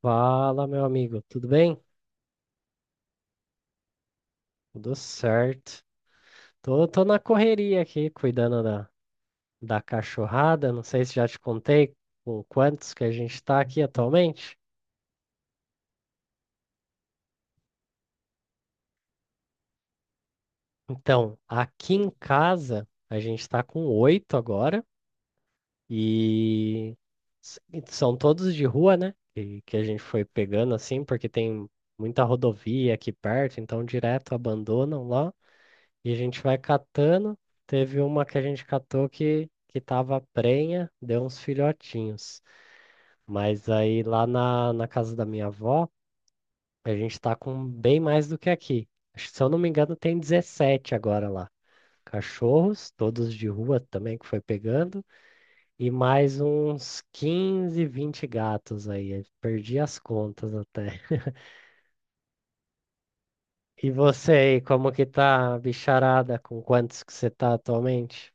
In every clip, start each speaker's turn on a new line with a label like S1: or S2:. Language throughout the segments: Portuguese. S1: Fala, meu amigo, tudo bem? Tudo certo. Tô na correria aqui, cuidando da cachorrada. Não sei se já te contei com quantos que a gente tá aqui atualmente. Então, aqui em casa, a gente tá com oito agora e e são todos de rua, né? Que a gente foi pegando assim, porque tem muita rodovia aqui perto, então direto abandonam lá. E a gente vai catando. Teve uma que a gente catou que tava prenha, deu uns filhotinhos. Mas aí lá na casa da minha avó, a gente tá com bem mais do que aqui. Acho que, se eu não me engano, tem 17 agora lá. Cachorros, todos de rua também que foi pegando, e mais uns 15 20 gatos aí. Eu perdi as contas até. E você aí, como que tá, a bicharada? Com quantos que você tá atualmente?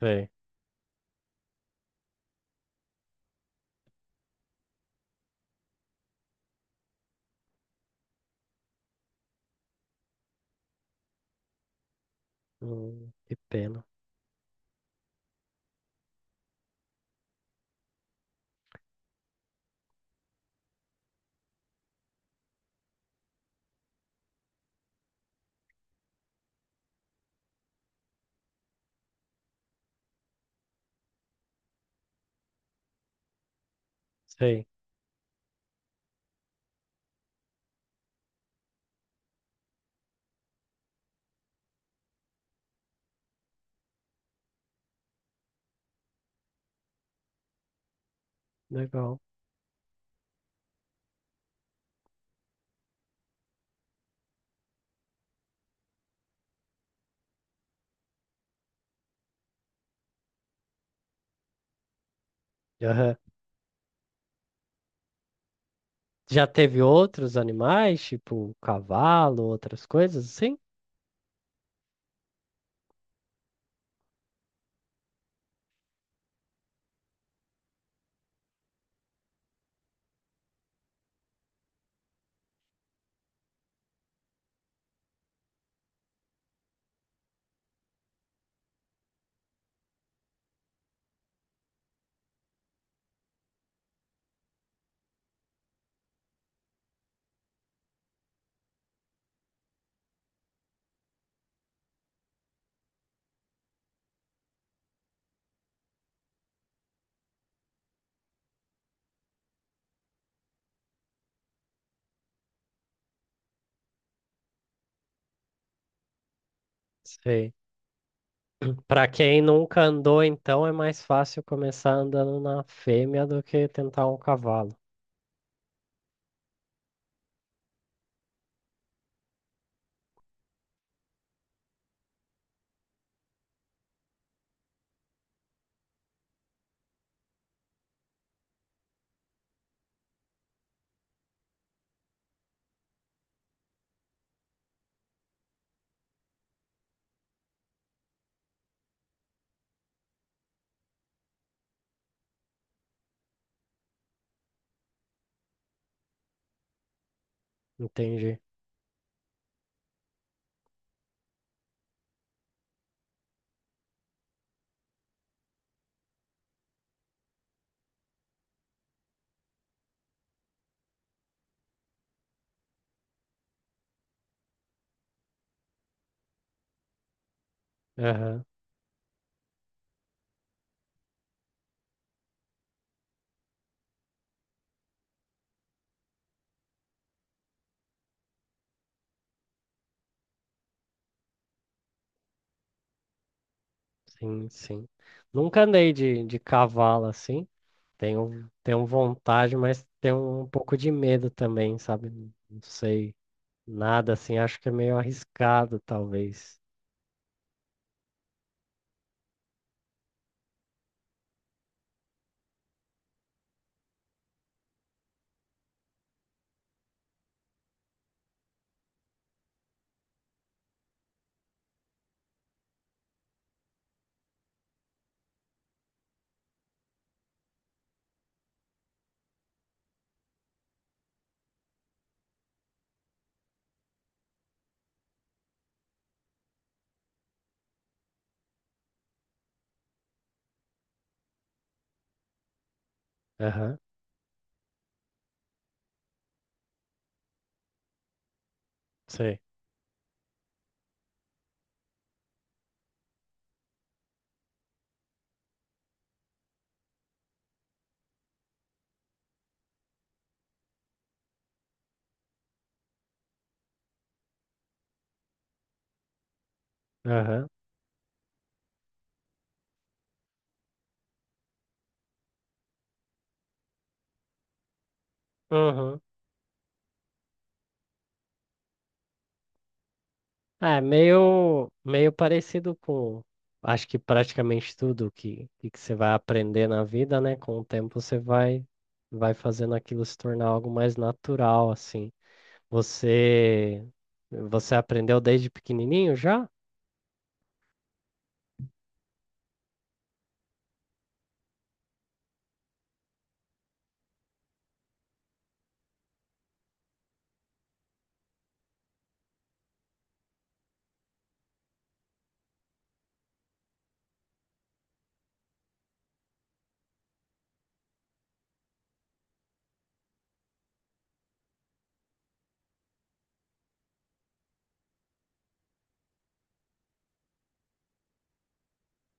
S1: Sei. Que pena. Sei, legal. Aham. Já teve outros animais, tipo cavalo, outras coisas assim? Sei. Pra quem nunca andou, então é mais fácil começar andando na fêmea do que tentar um cavalo. Entendi. Aham. Sim, sim. Nunca andei de cavalo assim. Tenho vontade, mas tenho um pouco de medo também, sabe? Não sei nada assim. Acho que é meio arriscado, talvez. Aham, sei. Aham. Uhum. É meio parecido com, acho que praticamente tudo que que você vai aprender na vida, né? Com o tempo você vai fazendo aquilo se tornar algo mais natural, assim. Você, você aprendeu desde pequenininho já?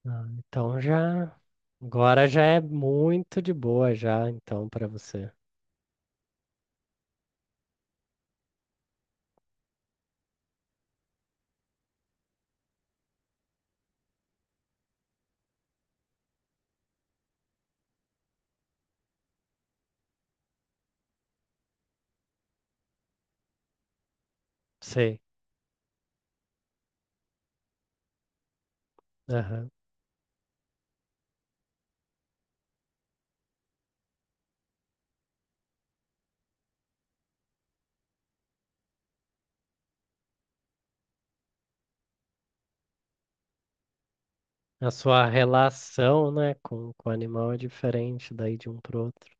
S1: Ah, então já, agora já é muito de boa já, então para você. Sei. Aham. A sua relação, né, com o animal é diferente daí de um pro outro.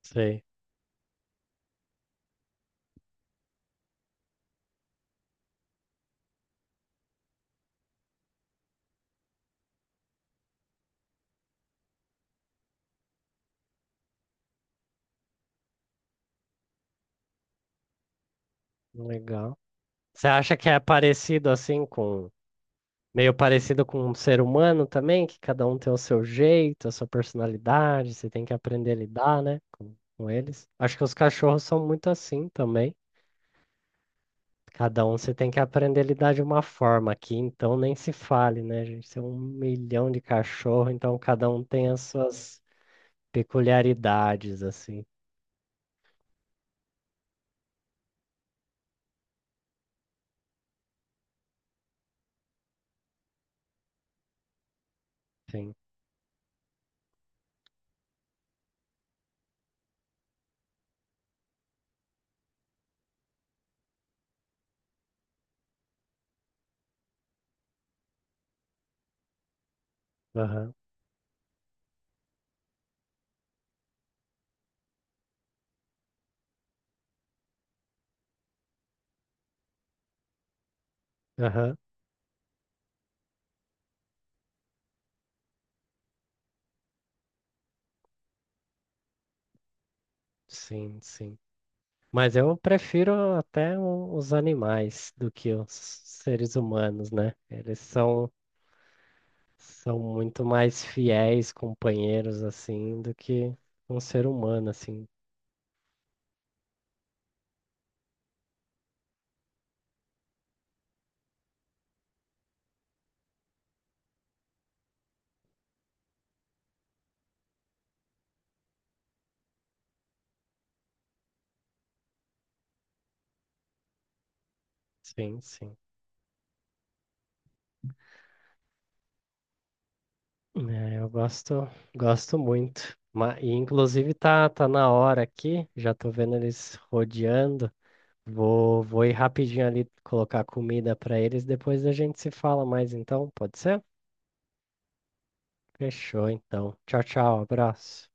S1: Sei. Legal. Você acha que é parecido assim com, meio parecido com um ser humano também, que cada um tem o seu jeito, a sua personalidade, você tem que aprender a lidar, né, com eles? Acho que os cachorros são muito assim também. Cada um você tem que aprender a lidar de uma forma aqui, então nem se fale, né, a gente? Tem um milhão de cachorro, então cada um tem as suas peculiaridades, assim. Sim. Aham, aham. Sim, sim. Mas eu prefiro até os animais do que os seres humanos, né? Eles são muito mais fiéis companheiros, assim, do que um ser humano, assim. Sim, sim. É, eu gosto muito. E, inclusive, tá na hora aqui, já tô vendo eles rodeando. Vou ir rapidinho ali colocar comida para eles, depois a gente se fala mais, então, pode ser? Fechou, então. Tchau, tchau, abraço.